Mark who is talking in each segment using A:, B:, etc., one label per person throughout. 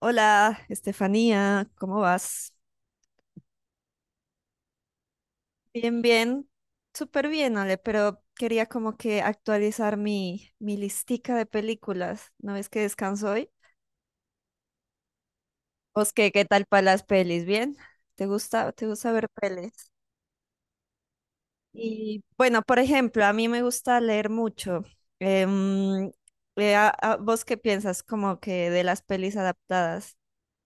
A: Hola, Estefanía, ¿cómo vas? Bien, bien, súper bien, Ale, pero quería como que actualizar mi listica de películas. ¿No ves que descanso hoy? ¿Vos qué tal para las pelis? ¿Bien? ¿Te gusta ver pelis? Y bueno, por ejemplo, a mí me gusta leer mucho. Em, ¿Vos qué piensas como que de las pelis adaptadas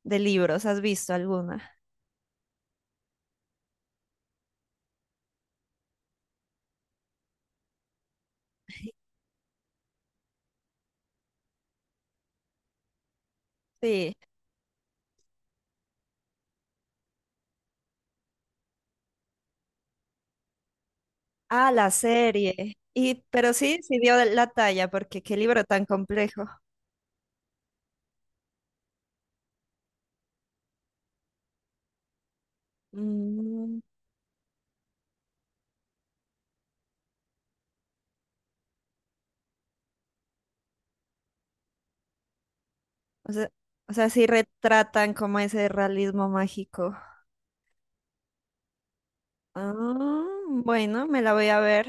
A: de libros? ¿Has visto alguna? Sí. Ah, la serie. Pero sí, sí dio la talla, porque qué libro tan complejo. Mm. O sea, o sea, sí retratan como ese realismo mágico. Ah, bueno, me la voy a ver.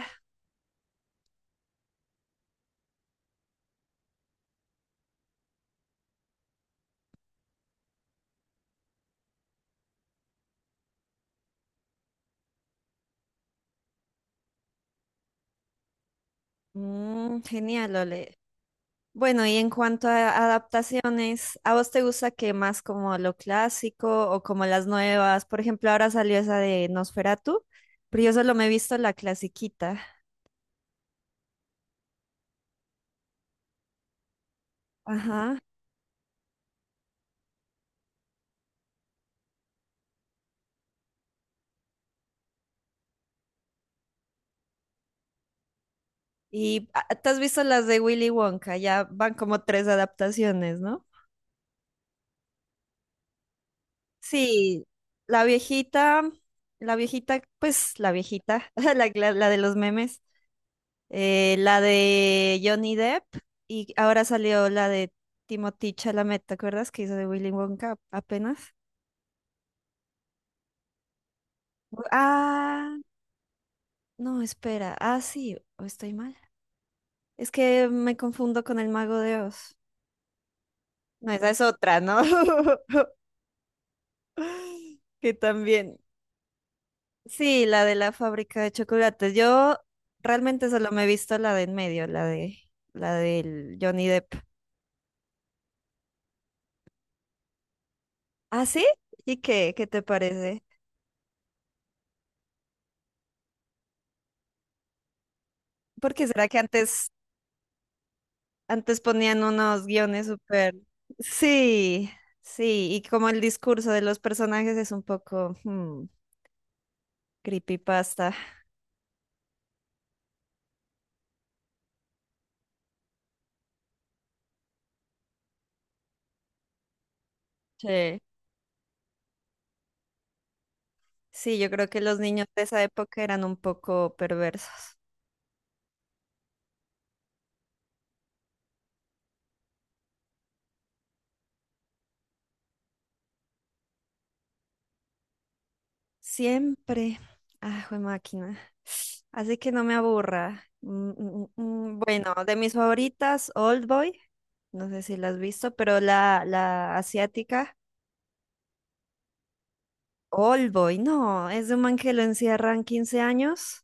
A: Genial, Ole. Bueno, y en cuanto a adaptaciones, ¿a vos te gusta que más como lo clásico o como las nuevas? Por ejemplo, ahora salió esa de Nosferatu, pero yo solo me he visto la clasiquita. Ajá. ¿Y te has visto las de Willy Wonka? Ya van como tres adaptaciones, ¿no? Sí, la viejita, la viejita, pues la viejita, la de los memes, la de Johnny Depp y ahora salió la de Timothée Chalamet, ¿te acuerdas que hizo de Willy Wonka apenas? Ah, no, espera, ah, sí, o estoy mal. Es que me confundo con el Mago de Oz. No, esa es otra, ¿no? Que también. Sí, la de la fábrica de chocolates. Yo realmente solo me he visto la de en medio, la del Johnny Depp. ¿Ah, sí? ¿Y qué? ¿Qué te parece? Porque será que antes ponían unos guiones súper. Sí, sí, y como el discurso de los personajes es un poco creepypasta. Sí. Sí, yo creo que los niños de esa época eran un poco perversos. Siempre. Ah, jue máquina. Así que no me aburra. Mm, mm, mm, mm. Bueno, de mis favoritas, Old Boy. No sé si la has visto, pero la asiática. Old Boy, no, es de un man que lo encierran 15 años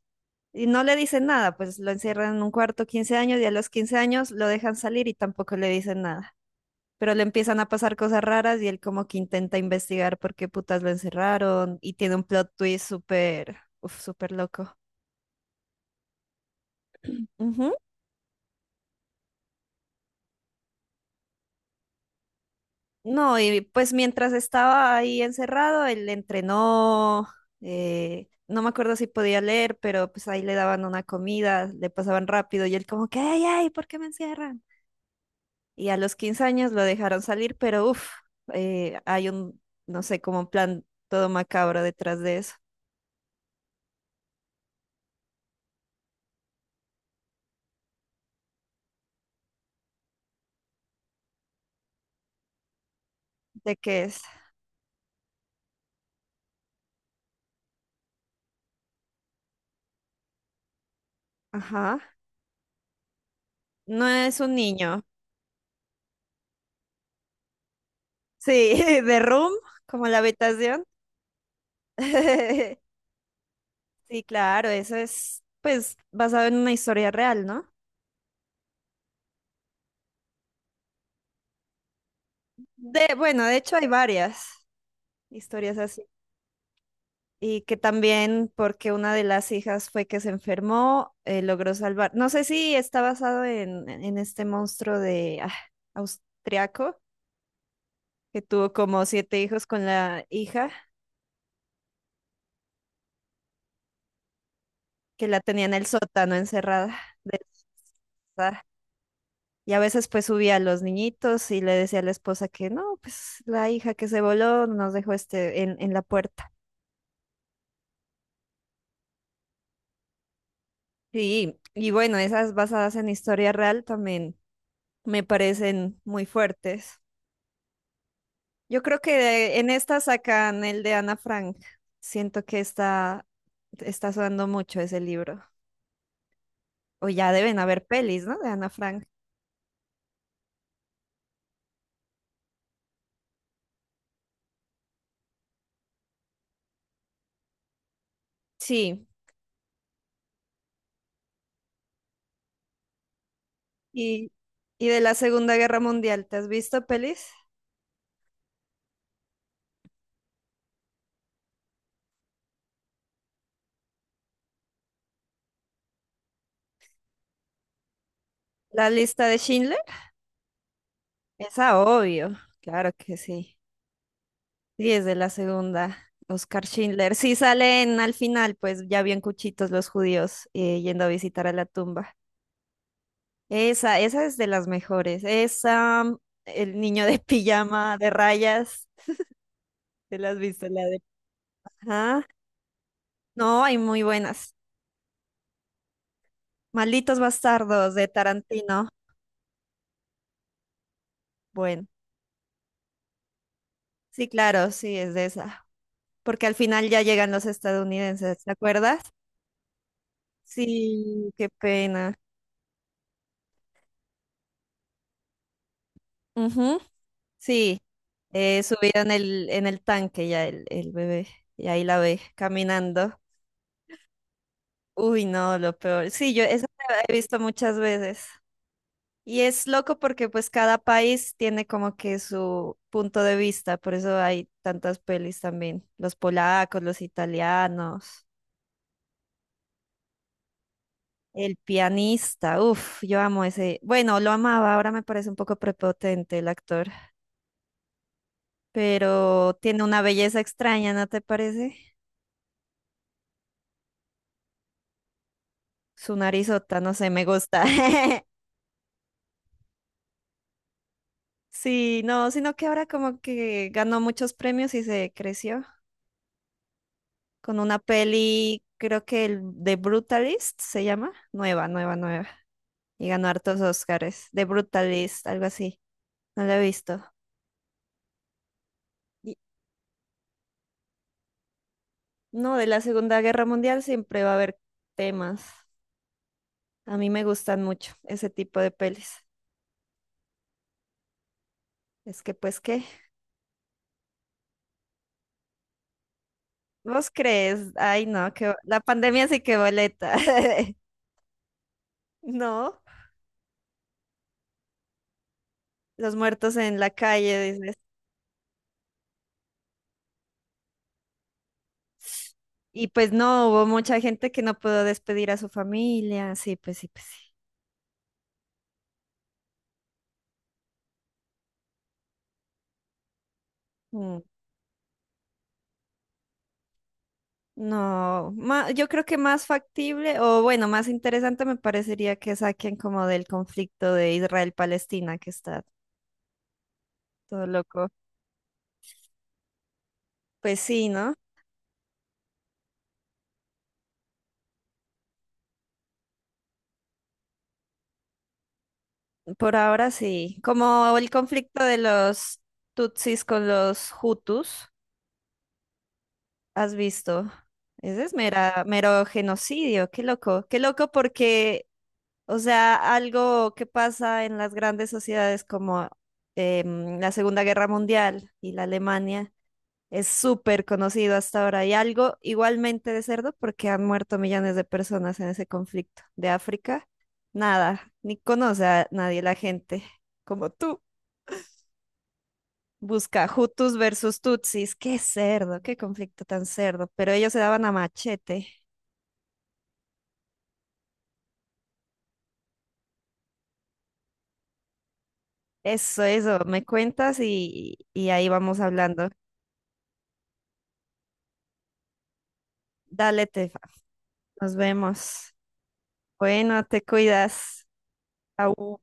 A: y no le dicen nada, pues lo encierran en un cuarto 15 años y a los 15 años lo dejan salir y tampoco le dicen nada. Pero le empiezan a pasar cosas raras y él como que intenta investigar por qué putas lo encerraron y tiene un plot twist súper, uf, súper loco. Ujú. No, y pues mientras estaba ahí encerrado, él entrenó, no me acuerdo si podía leer, pero pues ahí le daban una comida, le pasaban rápido y él como que, ay, ay, ¿por qué me encierran? Y a los 15 años lo dejaron salir, pero uff, hay un, no sé, como un plan todo macabro detrás de eso, de qué es, ajá, no es un niño, sí, de room, como la habitación. Sí, claro, eso es pues basado en una historia real, ¿no? Bueno, de hecho hay varias historias así. Y que también porque una de las hijas fue que se enfermó, logró salvar. No sé si está basado en este monstruo de austriaco que tuvo como siete hijos con la hija, que la tenía en el sótano encerrada. ¿Verdad? Y a veces pues subía a los niñitos y le decía a la esposa que no, pues la hija que se voló nos dejó este en la puerta. Sí, y bueno, esas basadas en historia real también me parecen muy fuertes. Yo creo que en esta sacan el de Ana Frank. Siento que está sonando mucho ese libro. O ya deben haber pelis, ¿no? De Ana Frank. Sí. Y, y de la Segunda Guerra Mundial, ¿te has visto pelis? La lista de Schindler. Esa, obvio. Claro que sí. Sí, es de la segunda. Oscar Schindler. Sí salen al final, pues ya bien cuchitos los judíos yendo a visitar a la tumba. Esa es de las mejores. Esa, el niño de pijama de rayas, ¿te la has visto? La de... Ajá. No, hay muy buenas. Malditos bastardos de Tarantino. Bueno, sí, claro, sí, es de esa. Porque al final ya llegan los estadounidenses, ¿te acuerdas? Sí, qué pena. Ujú, sí, subida en el tanque ya el bebé, y ahí la ve caminando. Uy, no, lo peor. Sí, yo esa la he visto muchas veces. Y es loco porque pues cada país tiene como que su punto de vista, por eso hay tantas pelis también. Los polacos, los italianos, el pianista, uff, yo amo ese. Bueno, lo amaba, ahora me parece un poco prepotente el actor, pero tiene una belleza extraña, ¿no te parece? Su narizota, no sé, me gusta. Sí, no, sino que ahora como que ganó muchos premios y se creció. Con una peli, creo que el The Brutalist se llama, nueva, nueva, nueva, y ganó hartos Oscars, The Brutalist, algo así, no la he visto. Y- no, de la Segunda Guerra Mundial siempre va a haber temas, a mí me gustan mucho ese tipo de pelis. Es que, pues, ¿qué? ¿Vos crees? Ay, no, que la pandemia sí que boleta. No, los muertos en la calle, dices. Y pues no, hubo mucha gente que no pudo despedir a su familia. Sí, pues sí, pues sí. Mm. No, yo creo que más factible o bueno, más interesante me parecería que saquen como del conflicto de Israel-Palestina que está todo loco. Pues sí, ¿no? Por ahora sí. Como el conflicto de los Tutsis con los Hutus, ¿has visto? Ese es mero genocidio, qué loco porque, o sea, algo que pasa en las grandes sociedades como la Segunda Guerra Mundial y la Alemania. Es súper conocido hasta ahora y algo igualmente de cerdo porque han muerto millones de personas en ese conflicto. De África, nada, ni conoce a nadie la gente como tú. Busca Hutus versus Tutsis. Qué cerdo, qué conflicto tan cerdo. Pero ellos se daban a machete. Eso, me cuentas y ahí vamos hablando. Dale, Tefa, nos vemos. Bueno, te cuidas. Au.